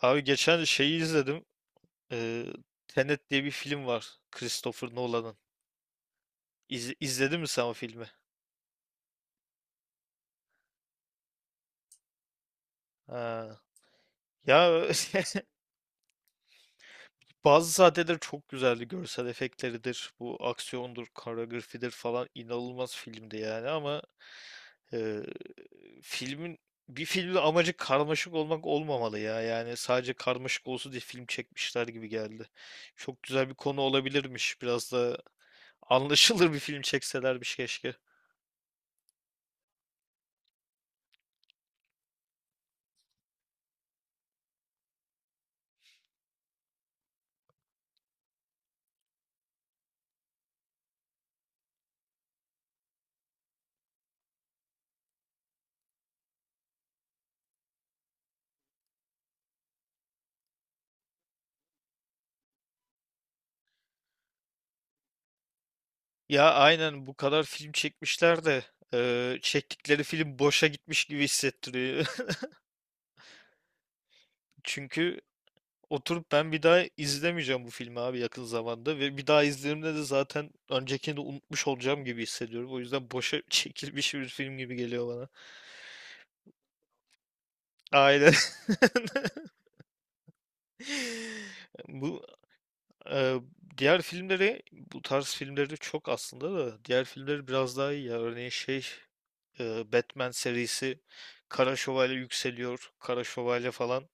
Abi geçen şeyi izledim. Ee, Tenet diye bir film var. Christopher Nolan'ın. İzle, izledin mi sen o filmi? Ha. Ya bazı sahneleri çok güzeldi. Görsel efektleridir. Bu aksiyondur, koreografidir falan. İnanılmaz filmdi yani, ama e, filmin bir filmin amacı karmaşık olmak olmamalı ya. Yani sadece karmaşık olsun diye film çekmişler gibi geldi. Çok güzel bir konu olabilirmiş. Biraz da anlaşılır bir film çekselermiş keşke. Ya aynen, bu kadar film çekmişler de çektikleri film boşa gitmiş gibi hissettiriyor. Çünkü oturup ben bir daha izlemeyeceğim bu filmi abi yakın zamanda ve bir daha izlediğimde de zaten öncekini de unutmuş olacağım gibi hissediyorum. O yüzden boşa çekilmiş bir film gibi geliyor bana. Aynen. Bu eee, diğer filmleri, bu tarz filmleri çok, aslında da diğer filmleri biraz daha iyi ya. Örneğin Batman serisi, Kara Şövalye Yükseliyor, Kara Şövalye falan.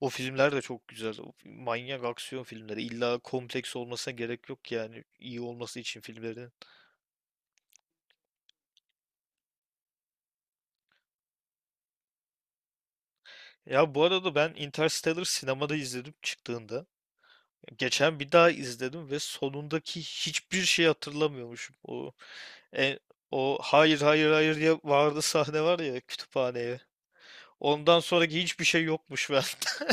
O filmler de çok güzel. O manyak aksiyon filmleri. İlla kompleks olmasına gerek yok yani, iyi olması için filmlerin. Ya bu arada ben Interstellar sinemada izledim çıktığında. Geçen bir daha izledim ve sonundaki hiçbir şey hatırlamıyormuşum. E, o hayır hayır hayır diye vardı sahne var ya, kütüphaneye. Ondan sonraki hiçbir şey yokmuş bende.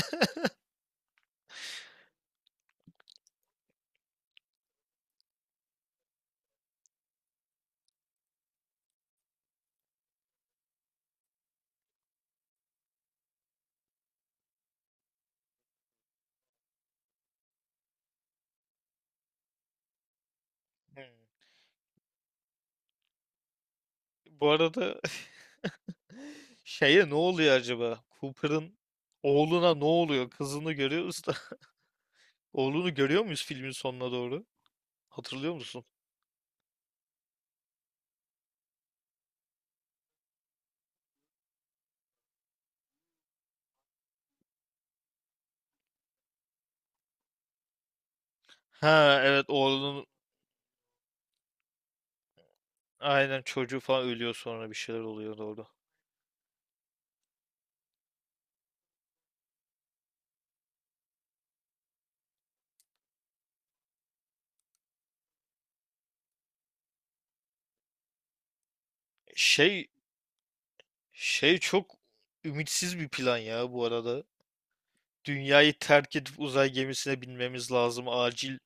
Hmm. Bu arada şeye ne oluyor acaba? Cooper'ın oğluna ne oluyor? Kızını görüyoruz da. Oğlunu görüyor muyuz filmin sonuna doğru? Hatırlıyor musun? Ha, evet, oğlunun aynen çocuğu falan ölüyor, sonra bir şeyler oluyor, doğru. Şey çok ümitsiz bir plan ya bu arada. Dünyayı terk edip uzay gemisine binmemiz lazım acil.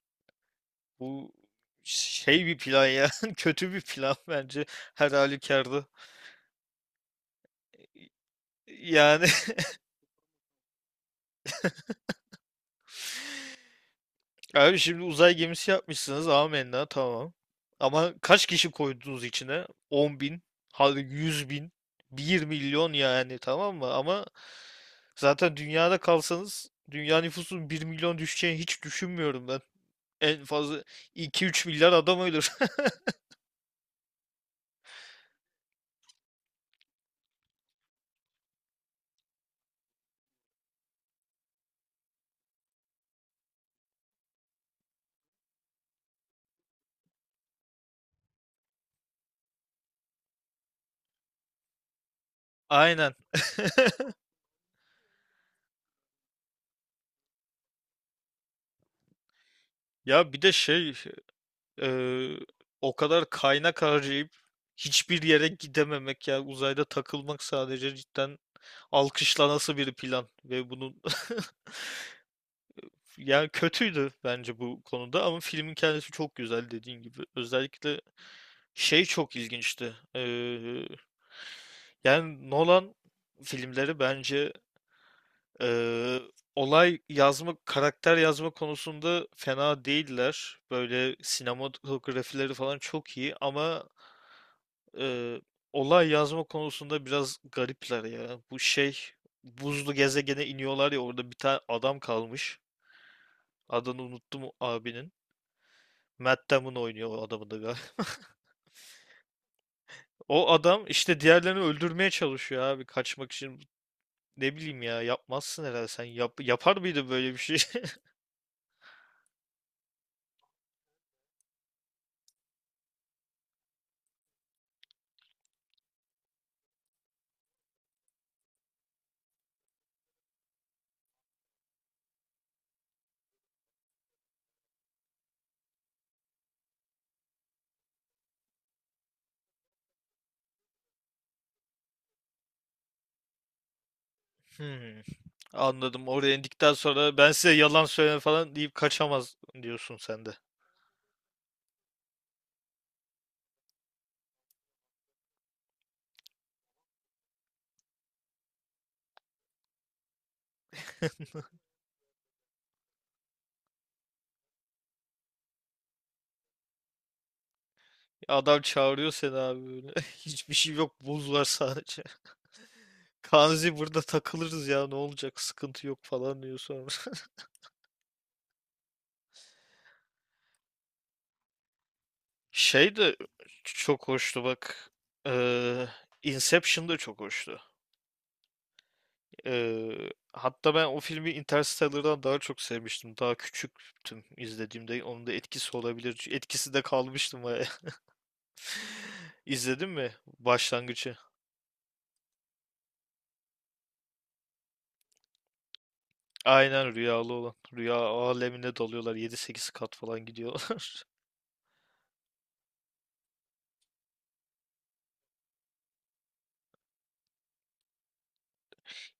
Bu şey bir plan ya. Kötü bir plan bence her halükarda. Yani abi, şimdi uzay gemisi yapmışsınız, amenna, tamam. Ama kaç kişi koydunuz içine? 10 bin, hadi 100 bin, 1 milyon, yani, tamam mı? Ama zaten dünyada kalsanız, dünya nüfusunun 1 milyon düşeceğini hiç düşünmüyorum ben. En fazla iki üç milyar adam ölür. Aynen. Ya bir de eee, o kadar kaynak harcayıp hiçbir yere gidememek, ya uzayda takılmak sadece, cidden alkışlanası bir plan. Ve bunun yani, kötüydü bence bu konuda, ama filmin kendisi çok güzel dediğin gibi, özellikle çok ilginçti, yani Nolan filmleri bence, Eee, olay yazma, karakter yazma konusunda fena değiller. Böyle sinematografileri falan çok iyi, ama eee, olay yazma konusunda biraz garipler ya. Bu şey buzlu gezegene iniyorlar ya, orada bir tane adam kalmış. Adını unuttum o abinin. Matt Damon oynuyor o adamı da galiba. O adam işte diğerlerini öldürmeye çalışıyor abi kaçmak için. Ne bileyim ya, yapmazsın herhalde sen. Yapar mıydı böyle bir şey? Hmm, anladım. Oraya indikten sonra, ben size yalan söyleme falan deyip kaçamaz, diyorsun sen de. Adam çağırıyor seni abi böyle. Hiçbir şey yok. Buz var sadece. Kanzi, burada takılırız ya, ne olacak, sıkıntı yok falan diyor sonra. Şey de çok hoştu bak. Ee, Inception da çok hoştu. Hatta ben o filmi Interstellar'dan daha çok sevmiştim. Daha küçüktüm izlediğimde. Onun da etkisi olabilir. Etkisi de kalmıştım. İzledin mi başlangıcı? Aynen, rüyalı olan. Rüya alemine dalıyorlar. 7-8 kat falan gidiyorlar.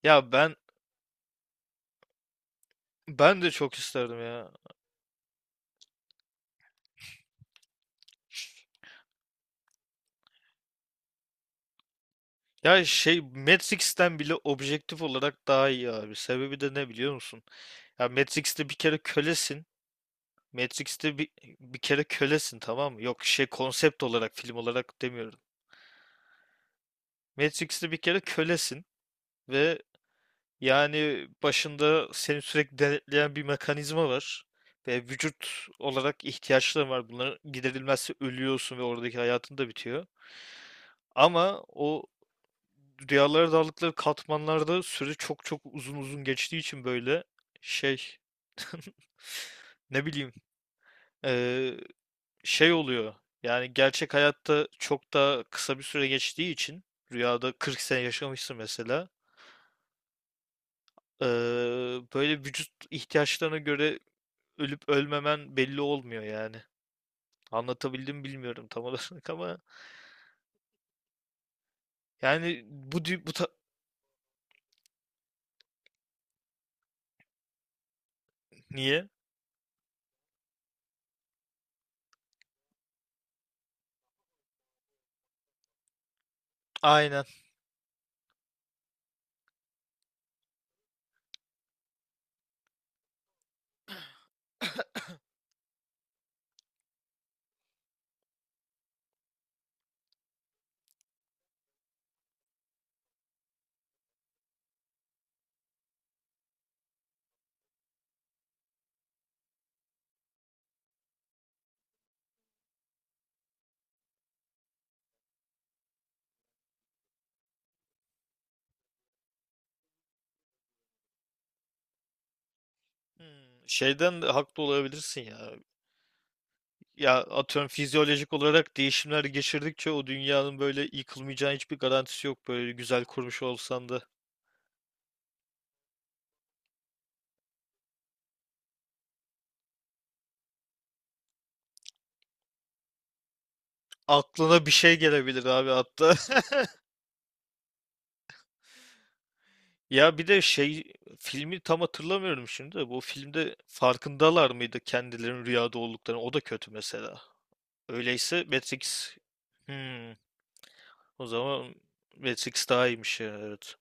Ya ben de çok isterdim ya. Ya Matrix'ten bile objektif olarak daha iyi abi. Sebebi de ne biliyor musun? Ya Matrix'te bir kere kölesin. Matrix'te bir kere kölesin, tamam mı? Yok, konsept olarak, film olarak demiyorum. Matrix'te bir kere kölesin ve yani başında seni sürekli denetleyen bir mekanizma var ve vücut olarak ihtiyaçların var. Bunların giderilmezse ölüyorsun ve oradaki hayatın da bitiyor. Ama o rüyalara daldıkları katmanlarda süre çok çok uzun uzun geçtiği için, böyle şey ne bileyim, eee, şey oluyor. Yani gerçek hayatta çok daha kısa bir süre geçtiği için, rüyada 40 sene yaşamışsın mesela. eee, böyle vücut ihtiyaçlarına göre ölüp ölmemen belli olmuyor yani. Anlatabildim mi bilmiyorum tam olarak, ama yani bu dü- bu ta- niye? Aynen. Hmm, şeyden de haklı olabilirsin ya. Ya atıyorum, fizyolojik olarak değişimler geçirdikçe, o dünyanın böyle yıkılmayacağı hiçbir garantisi yok, böyle güzel kurmuş olsan da. Aklına bir şey gelebilir abi hatta. Ya bir de şey, filmi tam hatırlamıyorum şimdi de, bu filmde farkındalar mıydı kendilerinin rüyada olduklarını? O da kötü mesela. Öyleyse Matrix, hmm, o zaman Matrix daha iyiymiş ya, evet.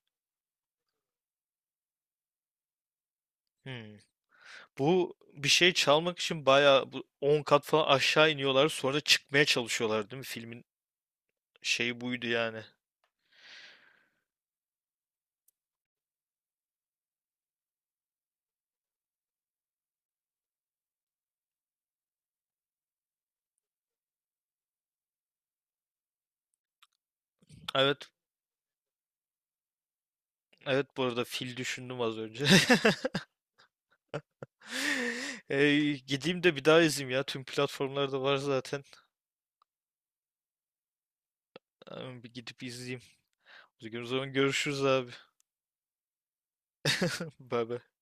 Hmm. Bu bir şey çalmak için bayağı bu 10 kat falan aşağı iniyorlar, sonra da çıkmaya çalışıyorlar değil mi? Filmin şeyi buydu yani. Evet, evet, bu arada fil düşündüm az önce. Ee, gideyim de bir daha izleyeyim ya. Tüm platformlarda var zaten. Bir gidip izleyeyim. O zaman görüşürüz abi. Bay bay.